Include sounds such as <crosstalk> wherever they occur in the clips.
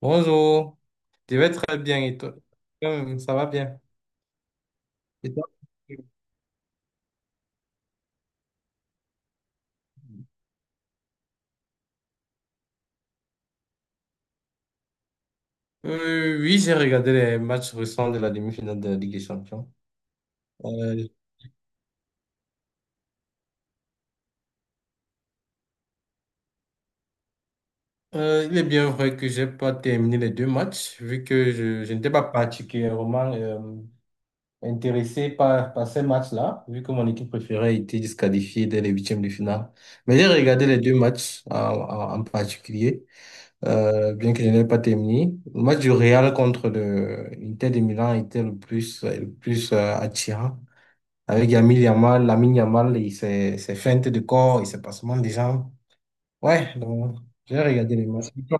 Bonjour, je vais très bien et toi? Ça va bien. Et toi? Oui, j'ai regardé les matchs récents de la demi-finale de la Ligue des Champions. Euh, il est bien vrai que j'ai pas terminé les deux matchs, vu que je n'étais pas particulièrement intéressé par ces matchs-là, vu que mon équipe préférée était disqualifiée dès les huitièmes de finale. Mais j'ai regardé les deux matchs en particulier. Bien qu'il n'ait pas terminé. Le match du Real contre le l'Inter de Milan était le plus attirant. Avec Lamine Yamal, Lamine Yamal et ses feintes de corps et ses passements des jambes. Ouais, donc j'ai regardé les matchs. Et toi,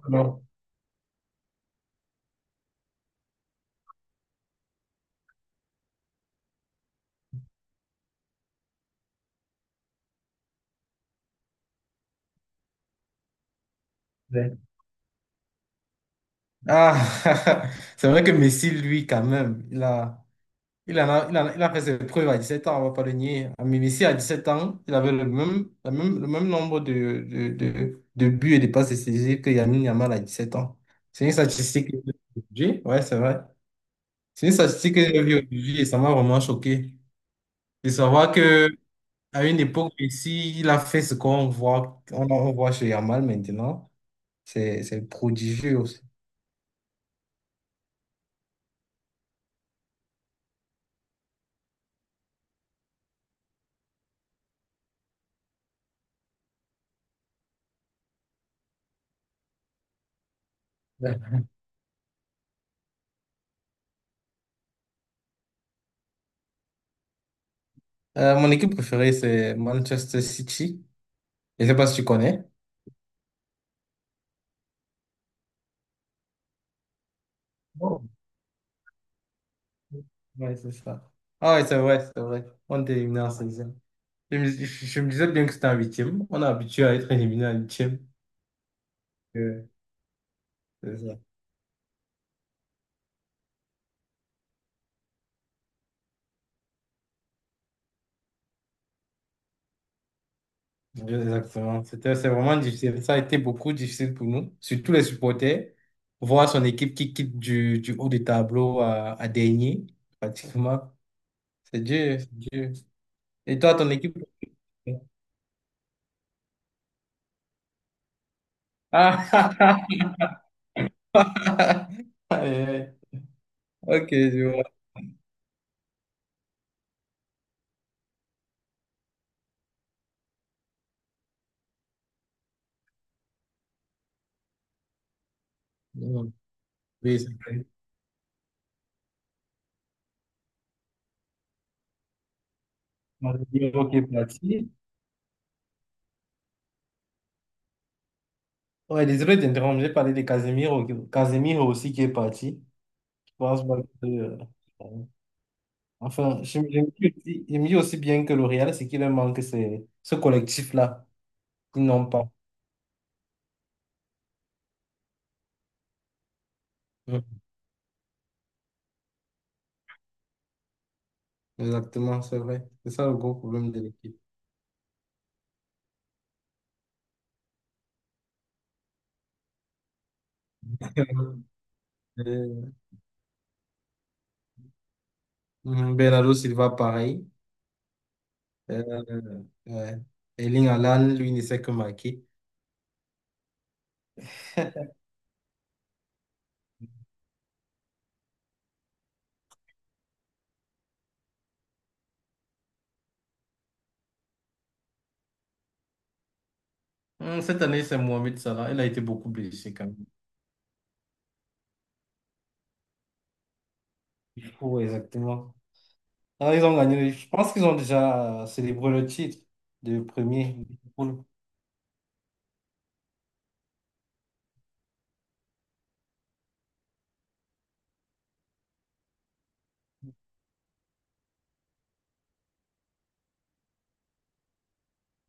ouais. Ah, <laughs> c'est vrai que Messi, lui, quand même, il en a, il a fait ses preuves à 17 ans, on ne va pas le nier. À Messi, à 17 ans, il avait le même nombre de buts et de passes décisives que Lamine Yamal à 17 ans. C'est une statistique que j'ai vue aujourd'hui. Ouais, c'est vrai. C'est une statistique que j'ai vue aujourd'hui et ça m'a vraiment choqué. De savoir que à une époque, Messi, il a fait ce qu'on voit, on voit chez Yamal maintenant. C'est prodigieux aussi. Ouais. Mon équipe préférée, c'est Manchester City. Je ne sais pas si tu connais. Ouais, c'est ça. Ah ouais, c'est vrai, c'est vrai. On était éliminé en seizième. Je me disais bien que c'était en 8. On est habitué à être éliminé en 8e. Euh, c'est ça. Exactement. C'est vraiment difficile. Ça a été beaucoup difficile pour nous, surtout les supporters. Voir son équipe qui quitte du haut du tableau à dernier, pratiquement. C'est dur, c'est dur. Et toi, ton équipe? Ah, <laughs> aïe, aïe. Ok, je vois. Mm. Oui, c'est vrai. On va dire, ok, parti. Ouais, désolé d'interrompre, j'ai parlé de Casemiro, Casemiro aussi qui est parti. Je pense pas que, enfin, je me dis aussi, je me dis aussi bien que le Real, ce qui leur manque, c'est ce collectif-là. Ils n'ont pas. Mm. Exactement, c'est vrai. C'est ça le gros problème de l'équipe. <laughs> Euh, mhm, Bernardo Silva, pareil. Ouais. Erling Haaland, lui, ne sait que marquer. <laughs> Cette année, c'est Mohamed Salah. Il a été beaucoup blessé quand même. Il faut, exactement. Ah, ils ont gagné. Je pense qu'ils ont déjà célébré le titre de premier. Liverpool.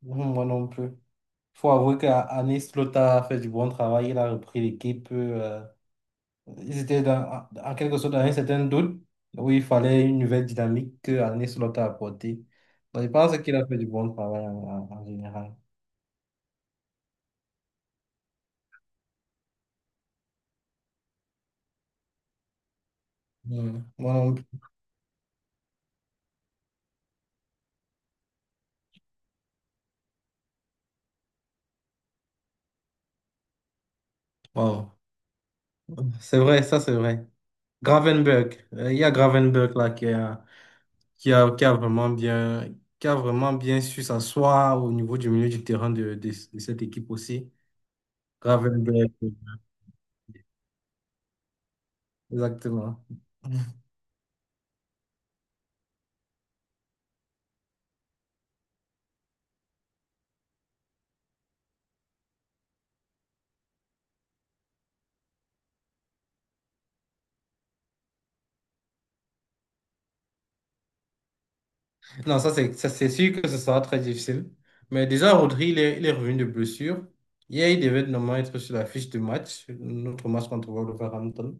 Moi non plus. Il faut avouer qu'Anis Lothar a fait du bon travail. Il a repris l'équipe. Ils étaient en quelque sorte dans un certain doute où il fallait une nouvelle dynamique que Anis Lothar a apportée. Donc, je pense qu'il a fait du bon travail en général. Hmm. Moi non plus. Wow. C'est vrai, ça c'est vrai. Gravenberg. Il y a Gravenberg là qui est. Qui a vraiment bien, qui a vraiment bien su s'asseoir au niveau du milieu du terrain de cette équipe aussi. Gravenberch, exactement. Non, ça c'est sûr que ce sera très difficile. Mais déjà, Rodri, il est revenu de blessure. Hier, il devait normalement être sur la fiche de match, notre match contre Wolverhampton.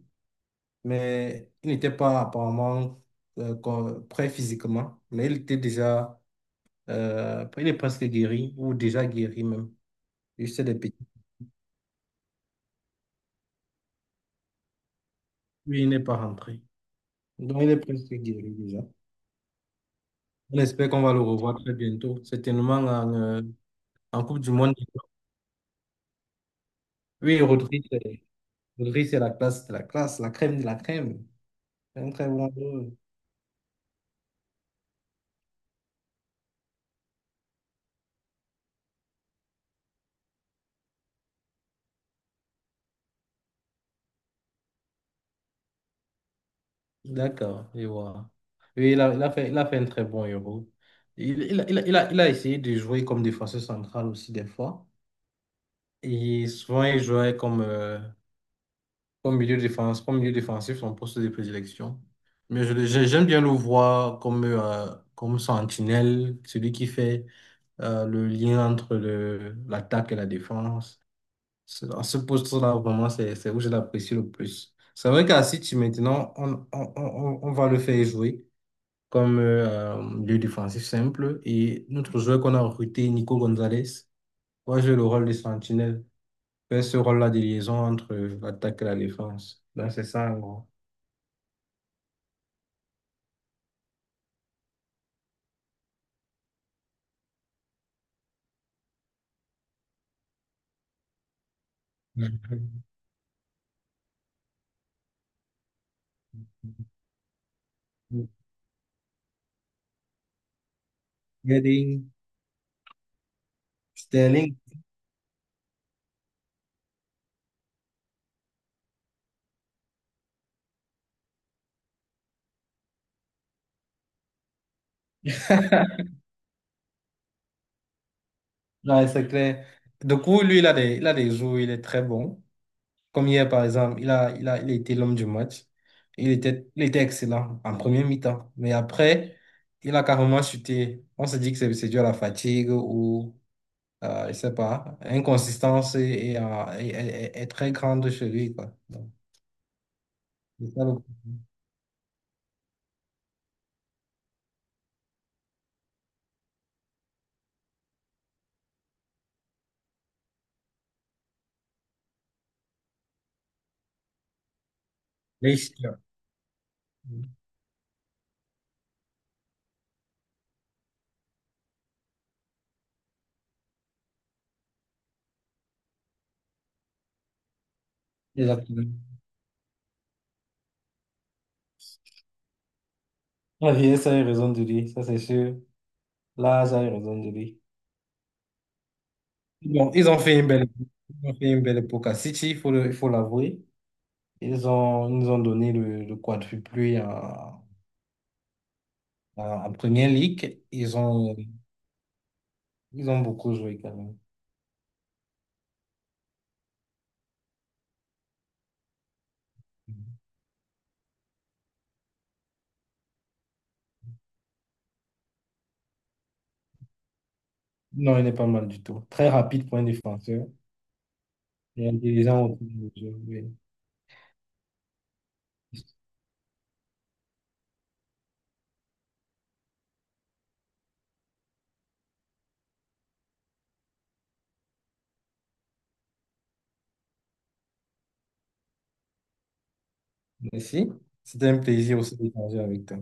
Mais il n'était pas apparemment prêt physiquement. Mais il était déjà, il est presque guéri, ou déjà guéri même. Juste des petits. Oui, il n'est pas rentré. Donc, il est presque guéri déjà. On espère qu'on va le revoir très bientôt, certainement en Coupe du Monde. Oui, Rodri, c'est la classe, la crème de la crème. C'est un très bon joueur. D'accord, je vois. Oui, il a fait un très bon héros. Il a essayé de jouer comme défenseur central aussi des fois. Et souvent, il jouait comme comme comme milieu défensif, son poste de prédilection. Mais j'aime bien le voir comme, comme sentinelle, celui qui fait le lien entre l'attaque et la défense. À ce poste-là, vraiment, c'est où je l'apprécie le plus. C'est vrai qu'à City, maintenant, on va le faire jouer comme milieu défensif simple. Et notre joueur qu'on a recruté, Nico Gonzalez, va jouer le rôle de sentinelle, faire ce rôle-là de liaison entre l'attaque et la défense. Donc, c'est ça, en gros. Getting Sterling. <laughs> Non, c'est clair. Du coup, lui, il a des jours où il est très bon. Comme hier, par exemple, il a été l'homme du match. Il était excellent en première mi-temps. Mais après, il a carrément chuté. On se dit que c'est dû à la fatigue ou, je sais pas, inconsistance est très grande chez lui, quoi. Donc, c'est ça le- Leicester. Exactement. Ah, oui, ça a eu raison de lui, ça c'est sûr. Là, j'ai raison de lui. Bon, ils ont fait une belle époque à City, il faut l'avouer. Ils nous ont donné le quadruplé en Première Ligue. Ils ont beaucoup joué quand même. Non, il n'est pas mal du tout. Très rapide pour un défenseur et intelligent autour du jeu. Oui. Merci. C'était un plaisir aussi d'échanger avec toi.